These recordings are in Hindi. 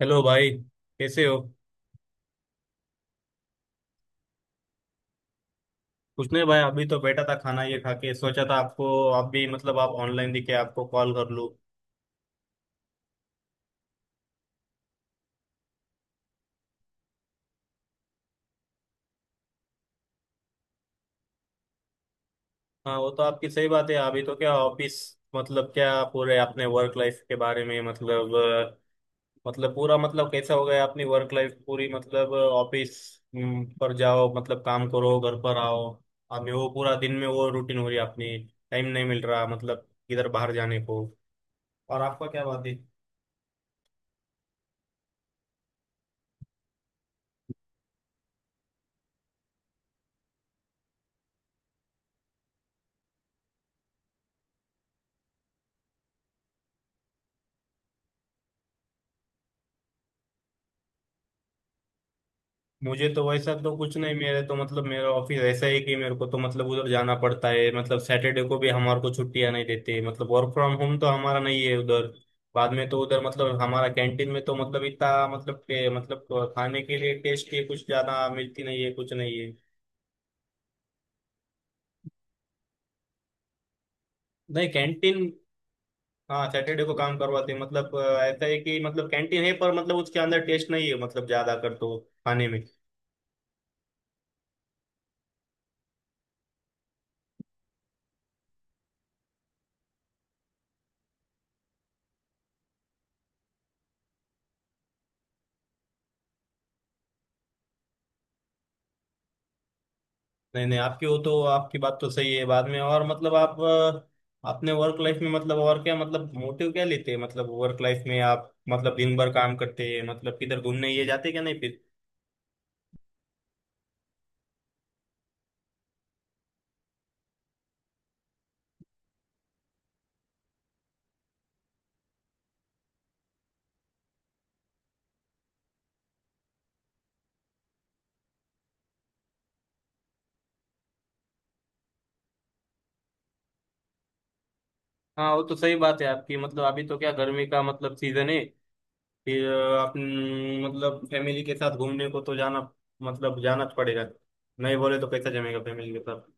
हेलो भाई। कैसे हो? कुछ नहीं भाई, अभी तो बैठा था, खाना ये खा के सोचा था आपको आप भी मतलब आप ऑनलाइन दिखे आपको कॉल कर लूँ। हाँ, वो तो आपकी सही बात है। अभी तो क्या ऑफिस, मतलब क्या पूरे अपने वर्क लाइफ के बारे में, मतलब मतलब पूरा मतलब कैसा हो गया अपनी वर्क लाइफ पूरी मतलब ऑफिस पर जाओ, मतलब काम करो, घर पर आओ। अभी वो पूरा दिन में वो रूटीन हो रही है अपनी। टाइम नहीं मिल रहा मतलब किधर बाहर जाने को। और आपका क्या बात है? मुझे तो वैसा तो कुछ नहीं, मेरे तो मतलब मेरा ऑफिस ऐसा है कि मेरे को तो मतलब उधर जाना पड़ता है, मतलब सैटरडे को भी हमारे को छुट्टियां नहीं देते, मतलब वर्क फ्रॉम होम तो हमारा नहीं है उधर। बाद में तो उधर मतलब हमारा कैंटीन में तो मतलब इतना मतलब मतलब खाने के लिए टेस्टी कुछ ज्यादा मिलती नहीं है, कुछ नहीं है। नहीं कैंटीन। हाँ सैटरडे को काम करवाते हैं, मतलब ऐसा है कि मतलब कैंटीन है पर मतलब उसके अंदर टेस्ट नहीं है मतलब ज्यादा कर तो खाने में। नहीं नहीं, आपकी वो तो आपकी बात तो सही है। बाद में और मतलब आप अपने वर्क लाइफ में मतलब और क्या मतलब मोटिव क्या लेते हैं, मतलब वर्क लाइफ में आप मतलब दिन भर काम करते हैं, मतलब किधर घूमने ये जाते क्या नहीं फिर। हाँ वो तो सही बात है आपकी, मतलब अभी तो क्या गर्मी का मतलब सीजन है। फिर आप न, मतलब फैमिली के साथ घूमने को तो जाना मतलब जाना पड़ेगा। नहीं बोले तो कैसा जमेगा फैमिली के साथ।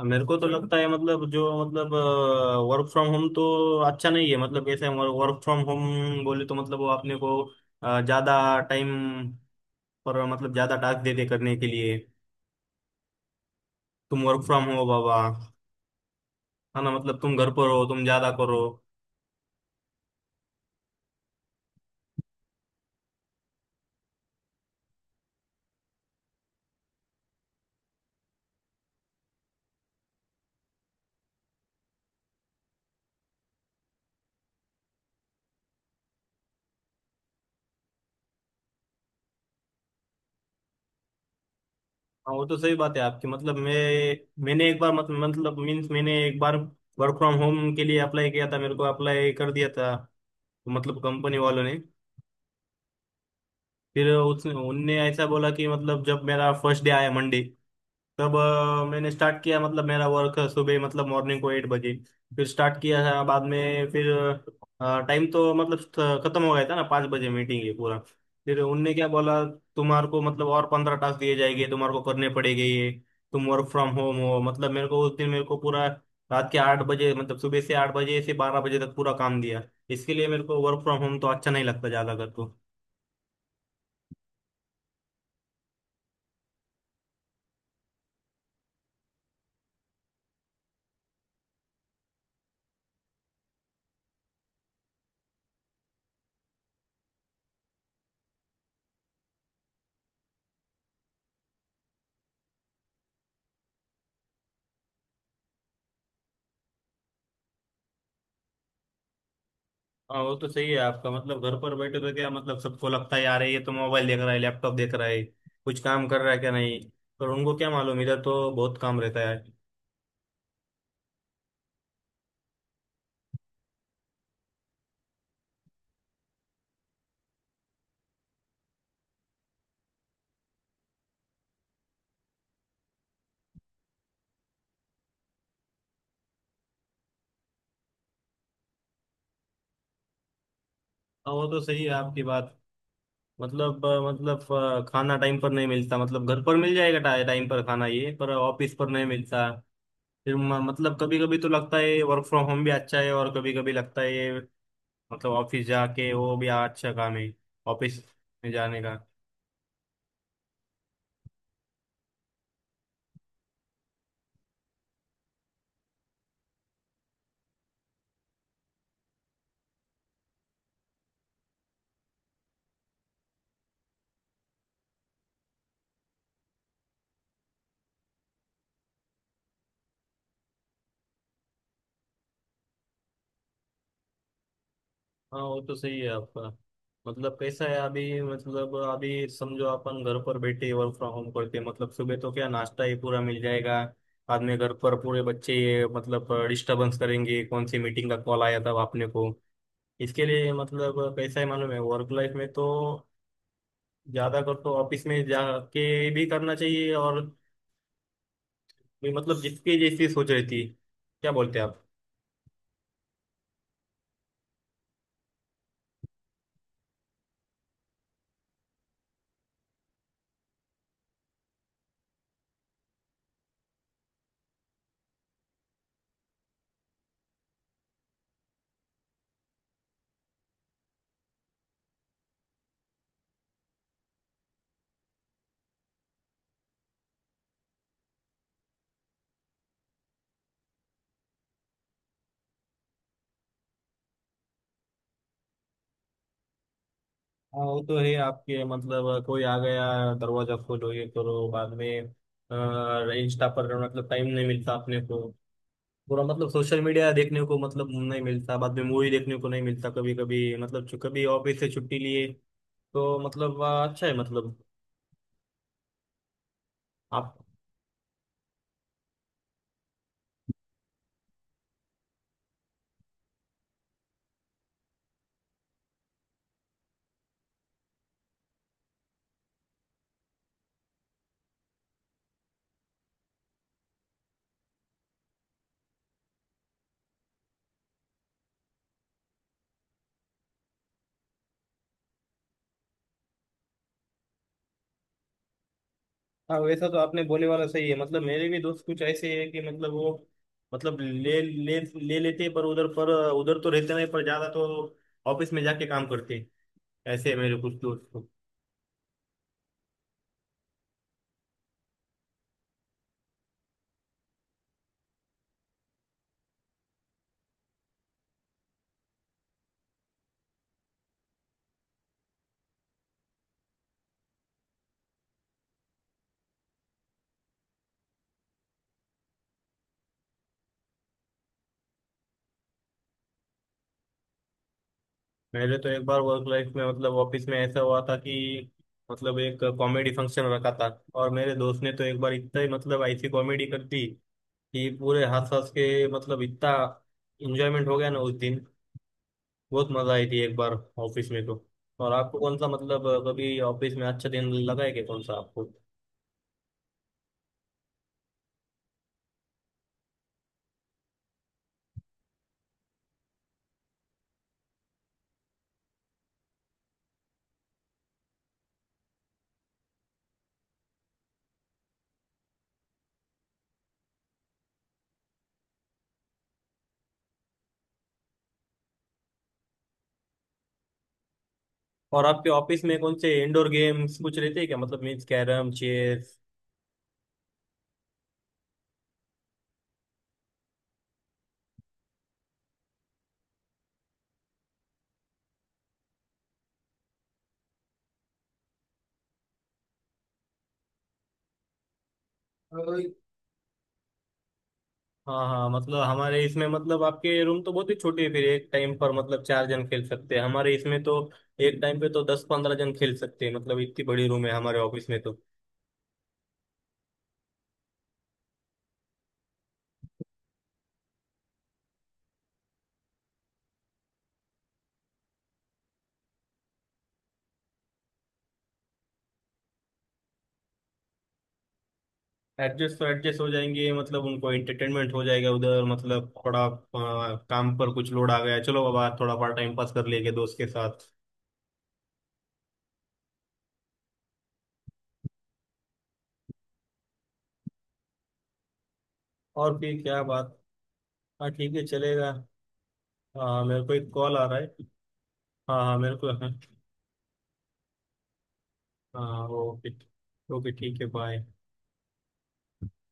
अब मेरे को तो लगता है मतलब जो मतलब वर्क फ्रॉम होम तो अच्छा नहीं है। मतलब कैसे वर्क फ्रॉम होम बोले तो मतलब वो अपने को ज्यादा टाइम पर मतलब ज्यादा टास्क देते करने के लिए। तुम वर्क फ्रॉम हो बाबा, है ना, मतलब तुम घर पर हो तुम ज्यादा करो। हाँ वो तो सही बात है आपकी, मतलब मैं मैंने एक बार मत, मतलब मीन्स मैंने एक बार वर्क फ्रॉम होम के लिए अप्लाई किया था, मेरे को अप्लाई कर दिया था मतलब कंपनी वालों ने। फिर उसने उनने ऐसा बोला कि मतलब जब मेरा फर्स्ट डे आया मंडे, तब मैंने स्टार्ट किया, मतलब मेरा वर्क सुबह मतलब मॉर्निंग को एट बजे फिर स्टार्ट किया था। बाद में फिर टाइम तो मतलब खत्म हो गया था ना 5 बजे, मीटिंग ये पूरा। फिर उनने क्या बोला, तुम्हारे को मतलब और 15 टास्क दिए जाएंगे तुम्हारे को करने पड़ेंगे ये। तुम वर्क फ्रॉम होम हो, मतलब मेरे को उस दिन मेरे को पूरा रात के 8 बजे मतलब सुबह से 8 बजे से 12 बजे तक पूरा काम दिया। इसके लिए मेरे को वर्क फ्रॉम होम तो अच्छा नहीं लगता ज्यादा कर। हाँ वो तो सही है आपका, मतलब घर पर बैठे तो क्या मतलब सबको लगता है यार ये तो मोबाइल देख रहा है, लैपटॉप देख रहा है, कुछ काम कर रहा है क्या नहीं। पर उनको क्या मालूम, इधर तो बहुत काम रहता है। हाँ वो तो सही है आपकी बात, मतलब मतलब खाना टाइम पर नहीं मिलता, मतलब घर पर मिल जाएगा टाइम पर खाना ये, पर ऑफिस पर नहीं मिलता। फिर मतलब कभी कभी तो लगता है वर्क फ्रॉम होम भी अच्छा है और कभी कभी लगता है ये मतलब ऑफिस जाके वो भी अच्छा काम है ऑफिस में जाने का। हाँ वो तो सही है आपका। मतलब कैसा है अभी, मतलब अभी समझो अपन घर पर बैठे वर्क फ्रॉम होम करते हैं मतलब सुबह तो क्या नाश्ता ही पूरा मिल जाएगा। बाद में घर पर पूरे बच्चे ये मतलब डिस्टरबेंस करेंगे, कौन सी मीटिंग का कॉल आया था आपने को। इसके लिए मतलब कैसा है मालूम है, वर्क लाइफ में तो ज्यादा कर तो ऑफिस में जाके भी करना चाहिए और भी, मतलब जिसकी जैसी सोच रहती। क्या बोलते हैं आप? हाँ वो तो है आपके, मतलब कोई आ गया, दरवाजा खोलो ये करो, बाद में इंस्टा पर मतलब टाइम नहीं मिलता अपने को पूरा, मतलब सोशल मीडिया देखने को मतलब नहीं मिलता, बाद में मूवी देखने को नहीं मिलता। कभी कभी मतलब कभी ऑफिस से छुट्टी लिए तो मतलब अच्छा है मतलब आप। हाँ वैसा तो आपने बोले वाला सही है, मतलब मेरे भी दोस्त कुछ ऐसे है कि मतलब वो मतलब ले ले ले लेते हैं, पर उधर तो रहते नहीं पर ज्यादा तो ऑफिस में जाके काम करते हैं। ऐसे है मेरे कुछ दोस्त। पहले तो एक बार वर्क लाइफ में मतलब ऑफिस में ऐसा हुआ था कि मतलब एक कॉमेडी फंक्शन रखा था, और मेरे दोस्त ने तो एक बार इतना ही मतलब ऐसी कॉमेडी कर दी कि पूरे हंस हंस के मतलब इतना एंजॉयमेंट हो गया ना उस दिन। बहुत मजा आई थी एक बार ऑफिस में तो। और आपको कौन सा मतलब कभी ऑफिस में अच्छा दिन लगा है क्या, कौन सा आपको? और आपके ऑफिस में कौन से इंडोर गेम्स कुछ रहते हैं क्या, मतलब मीन्स कैरम चेस? हाँ हाँ, मतलब हमारे इसमें मतलब आपके रूम तो बहुत ही छोटी है फिर, एक टाइम पर मतलब चार जन खेल सकते हैं। हमारे इसमें तो एक टाइम पे तो 10-15 जन खेल सकते हैं, मतलब इतनी बड़ी रूम है हमारे ऑफिस में तो। एडजस्ट तो एडजस्ट हो जाएंगे, मतलब उनको एंटरटेनमेंट हो जाएगा उधर। मतलब थोड़ा काम पर कुछ लोड आ गया, चलो बाबा थोड़ा बड़ा टाइम पास कर लेंगे दोस्त के साथ। और फिर क्या बात। हाँ ठीक है, चलेगा। हाँ मेरे को एक कॉल आ रहा है। हाँ हाँ मेरे को हाँ। हाँ ओके। ओके ठीक है, बाय।